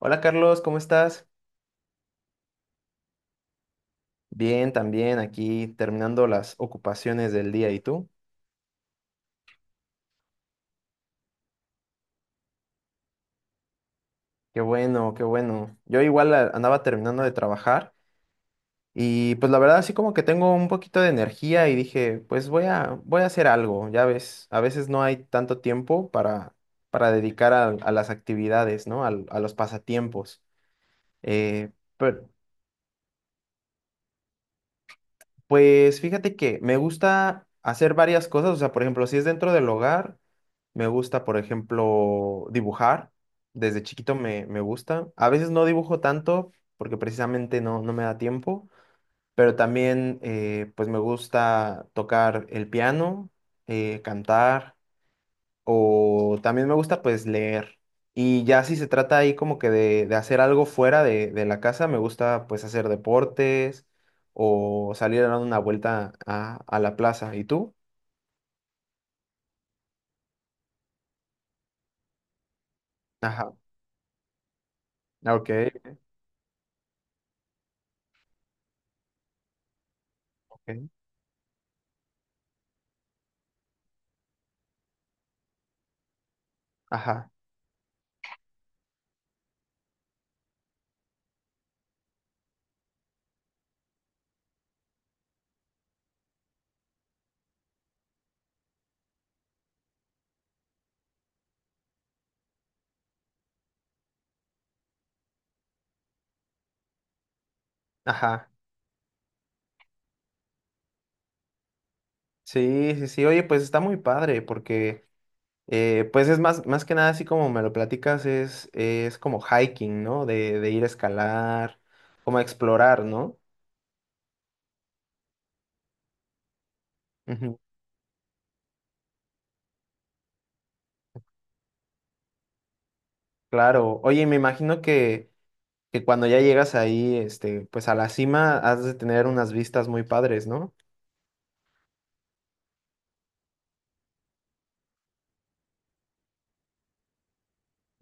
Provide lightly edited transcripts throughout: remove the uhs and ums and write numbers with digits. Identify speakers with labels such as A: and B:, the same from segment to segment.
A: Hola Carlos, ¿cómo estás? Bien, también aquí terminando las ocupaciones del día. ¿Y tú? Qué bueno, qué bueno. Yo igual andaba terminando de trabajar y pues la verdad así como que tengo un poquito de energía y dije, pues voy a hacer algo. Ya ves, a veces no hay tanto tiempo para dedicar a las actividades, ¿no? A los pasatiempos. Eh, pero, pues fíjate que me gusta hacer varias cosas. O sea, por ejemplo, si es dentro del hogar. Me gusta, por ejemplo, dibujar. Desde chiquito me gusta. A veces no dibujo tanto porque precisamente no me da tiempo, pero también, pues me gusta tocar el piano, cantar o también me gusta pues leer. Y ya si se trata ahí como que de hacer algo fuera de la casa, me gusta pues hacer deportes o salir a dar una vuelta a la plaza. ¿Y tú? Ajá. Ok, ok. Ajá. Ajá. Sí, sí, sí, oye, pues está muy padre porque, pues es más que nada así como me lo platicas, es como hiking, ¿no? De ir a escalar, como a explorar, ¿no? Ujú. Claro, oye, me imagino que cuando ya llegas ahí, pues a la cima has de tener unas vistas muy padres, ¿no?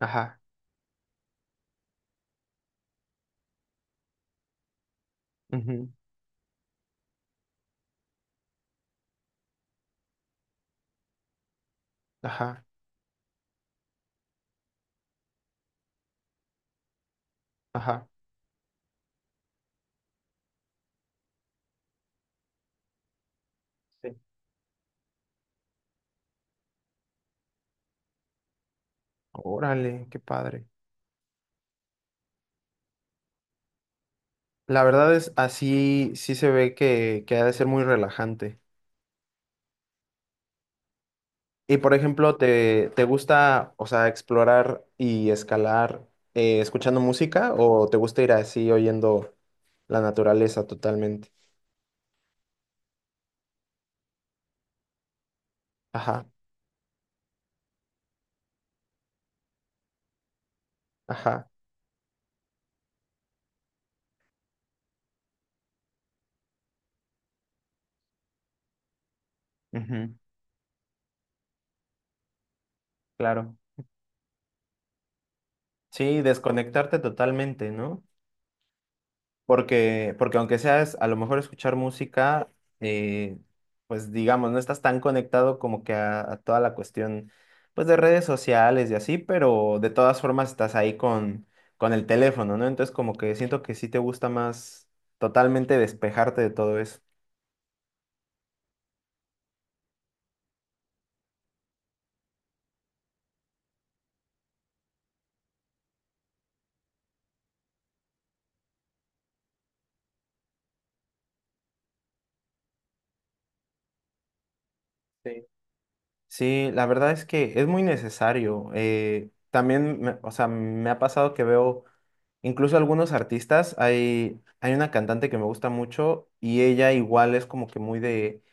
A: Ajá. Ujú. Ajá. Ajá. Sí. Órale, qué padre. La verdad es, así sí se ve que ha de ser muy relajante. Y por ejemplo, ¿te gusta, o sea, explorar y escalar, escuchando música o te gusta ir así oyendo la naturaleza totalmente? Ajá. Ajá. Ujú. Claro. Sí, desconectarte totalmente, ¿no? Porque, porque aunque seas a lo mejor escuchar música, eh, pues digamos, no estás tan conectado como que a toda la cuestión, pues de redes sociales y así, pero de todas formas estás ahí con el teléfono, ¿no? Entonces como que siento que sí te gusta más totalmente despejarte de todo eso. Sí. Sí, la verdad es que es muy necesario. También, o sea, me ha pasado que veo incluso algunos artistas. Hay una cantante que me gusta mucho y ella igual es como que muy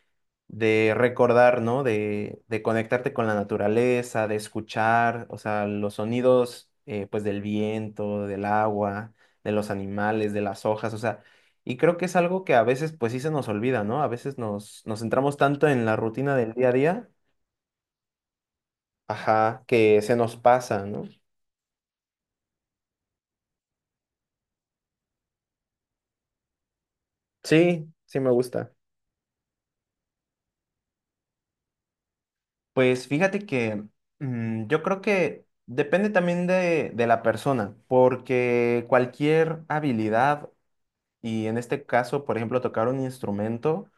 A: de recordar, ¿no? De conectarte con la naturaleza, de escuchar, o sea, los sonidos, pues del viento, del agua, de los animales, de las hojas. O sea, y creo que es algo que a veces pues sí se nos olvida, ¿no? A veces nos centramos tanto en la rutina del día a día, ajá, que se nos pasa, ¿no? Sí, sí me gusta. Pues fíjate que, yo creo que depende también de la persona, porque cualquier habilidad, y en este caso, por ejemplo, tocar un instrumento,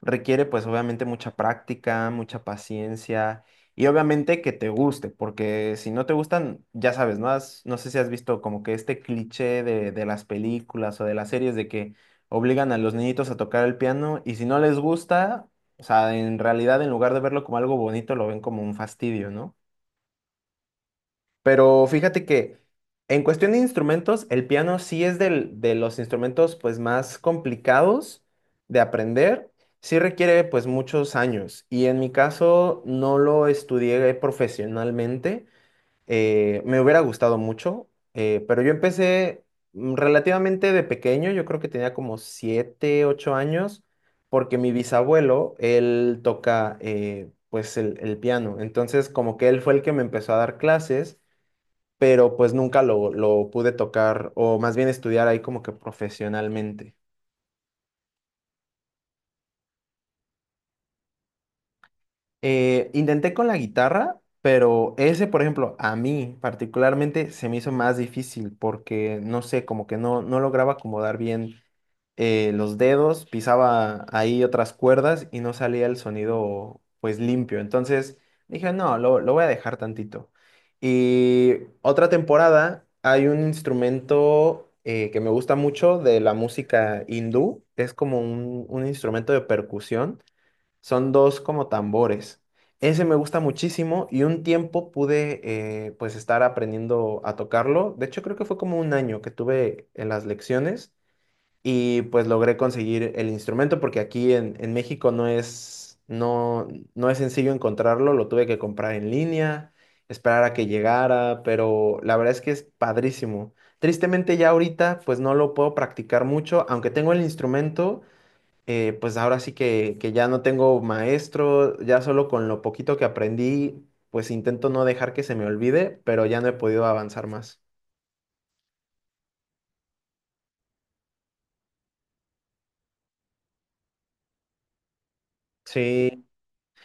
A: requiere pues obviamente mucha práctica, mucha paciencia y obviamente que te guste, porque si no te gustan, ya sabes, ¿no? No sé si has visto como que este cliché de las películas o de las series de que obligan a los niñitos a tocar el piano y si no les gusta, o sea, en realidad en lugar de verlo como algo bonito, lo ven como un fastidio, ¿no? Pero fíjate que en cuestión de instrumentos, el piano sí es de los instrumentos pues más complicados de aprender. Sí requiere pues muchos años y en mi caso no lo estudié profesionalmente. Me hubiera gustado mucho, pero yo empecé, relativamente de pequeño, yo creo que tenía como 7 8 años, porque mi bisabuelo, él toca, pues el piano. Entonces como que él fue el que me empezó a dar clases, pero pues nunca lo pude tocar o más bien estudiar ahí como que profesionalmente. Intenté con la guitarra, pero ese, por ejemplo, a mí particularmente se me hizo más difícil porque, no sé, como que no lograba acomodar bien, los dedos, pisaba ahí otras cuerdas y no salía el sonido pues limpio. Entonces dije, no, lo voy a dejar tantito. Y otra temporada hay un instrumento, que me gusta mucho de la música hindú, es como un instrumento de percusión, son dos como tambores. Ese me gusta muchísimo y un tiempo pude, pues estar aprendiendo a tocarlo. De hecho, creo que fue como un año que tuve en las lecciones y pues logré conseguir el instrumento porque aquí en México no es sencillo encontrarlo, lo tuve que comprar en línea, esperar a que llegara, pero la verdad es que es padrísimo. Tristemente ya ahorita pues no lo puedo practicar mucho, aunque tengo el instrumento, pues ahora sí que ya no tengo maestro, ya solo con lo poquito que aprendí, pues intento no dejar que se me olvide, pero ya no he podido avanzar más. Sí.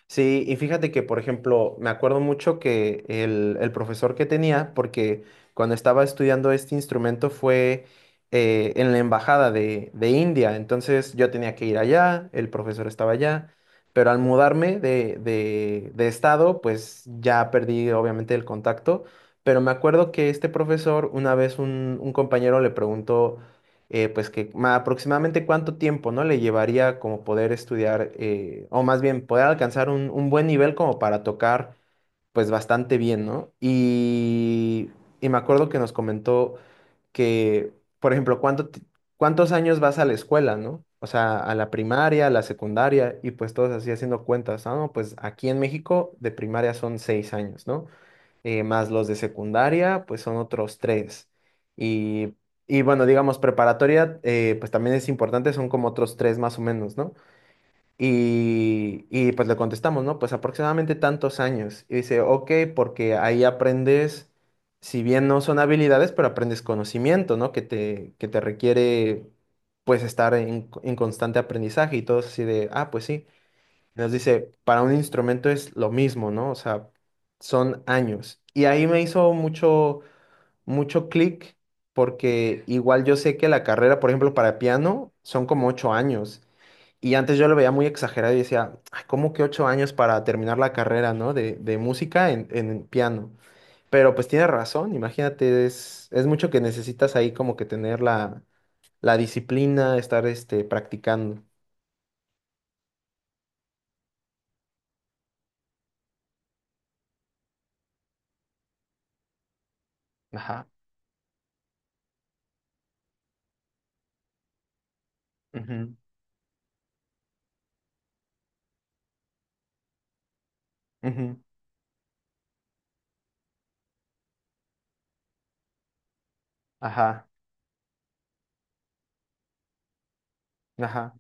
A: Sí, y fíjate que, por ejemplo, me acuerdo mucho que el profesor que tenía, porque cuando estaba estudiando este instrumento fue, en la embajada de India, entonces yo tenía que ir allá, el profesor estaba allá, pero al mudarme de, de estado, pues ya perdí obviamente el contacto, pero me acuerdo que este profesor, una vez un compañero le preguntó, pues que aproximadamente cuánto tiempo, ¿no? Le llevaría como poder estudiar, o más bien poder alcanzar un buen nivel como para tocar pues bastante bien, ¿no? Y me acuerdo que nos comentó que, por ejemplo, cuántos años vas a la escuela, ¿no? O sea, a la primaria, a la secundaria, y pues todos así haciendo cuentas, ah, no, pues aquí en México de primaria son 6 años, ¿no? Más los de secundaria, pues son otros tres. Y, y bueno, digamos, preparatoria, pues también es importante, son como otros tres más o menos, ¿no? Y pues le contestamos, ¿no? Pues aproximadamente tantos años. Y dice, ok, porque ahí aprendes, si bien no son habilidades, pero aprendes conocimiento, ¿no? Que te requiere pues estar en constante aprendizaje y todo así de, ah, pues sí. Nos dice, para un instrumento es lo mismo, ¿no? O sea, son años. Y ahí me hizo mucho, mucho clic, porque igual yo sé que la carrera, por ejemplo, para piano son como 8 años. Y antes yo lo veía muy exagerado y decía: "Ay, ¿cómo que 8 años para terminar la carrera? ¿No? De música en piano". Pero pues tiene razón, imagínate, es mucho que necesitas ahí como que tener la disciplina, estar practicando. Ajá. Ujú. Ujú. Ajá. Ajá.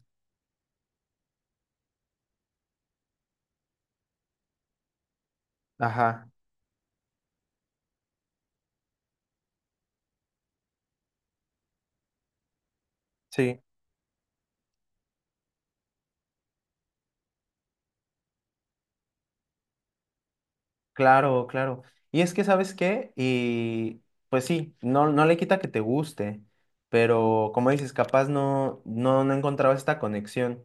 A: Ajá, sí, claro, claro. Y es que, ¿sabes qué? Y pues sí, no, no le quita que te guste, pero como dices, capaz no encontraba esta conexión.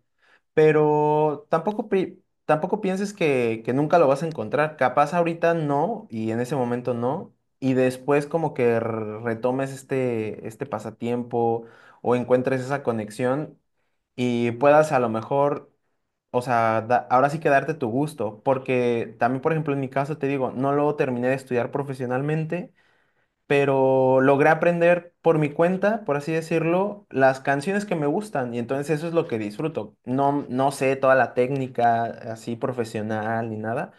A: Pero tampoco, tampoco pienses que nunca lo vas a encontrar. Capaz ahorita no, y en ese momento no, y después como que retomes este, este pasatiempo o encuentres esa conexión y puedas a lo mejor. O sea, ahora sí que darte tu gusto, porque también, por ejemplo, en mi caso te digo, no lo terminé de estudiar profesionalmente, pero logré aprender por mi cuenta, por así decirlo, las canciones que me gustan, y entonces eso es lo que disfruto. No, no sé toda la técnica así profesional ni nada,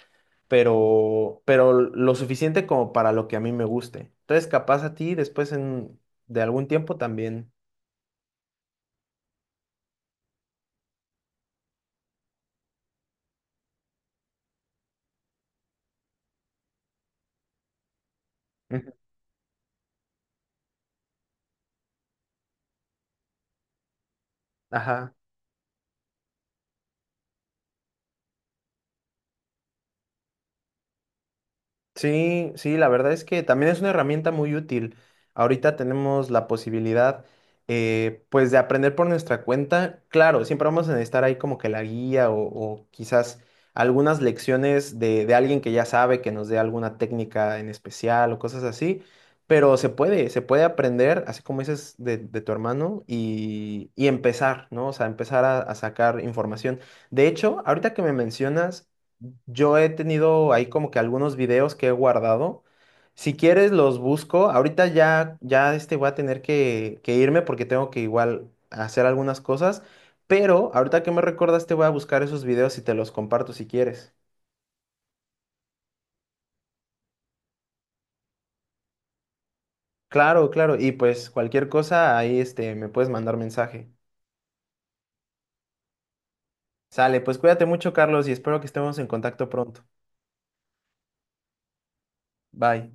A: pero lo suficiente como para lo que a mí me guste. Entonces, capaz a ti después de algún tiempo también. Ujú. Ajá. Sí, sí, la verdad es que también es una herramienta muy útil. Ahorita tenemos la posibilidad, pues, de aprender por nuestra cuenta. Claro, siempre vamos a necesitar ahí como que la guía o quizás algunas lecciones de alguien que ya sabe, que nos dé alguna técnica en especial o cosas así. Pero se puede aprender, así como dices de tu hermano, y empezar, ¿no? O sea, empezar a sacar información. De hecho, ahorita que me mencionas... Yo he tenido ahí como que algunos videos que he guardado. Si quieres los busco. Ahorita ya voy a tener que irme porque tengo que igual hacer algunas cosas. Pero ahorita que me recordaste voy a buscar esos videos y te los comparto si quieres. Claro, claro. Y pues cualquier cosa ahí me puedes mandar mensaje. Sale, pues cuídate mucho, Carlos, y espero que estemos en contacto pronto. Bye.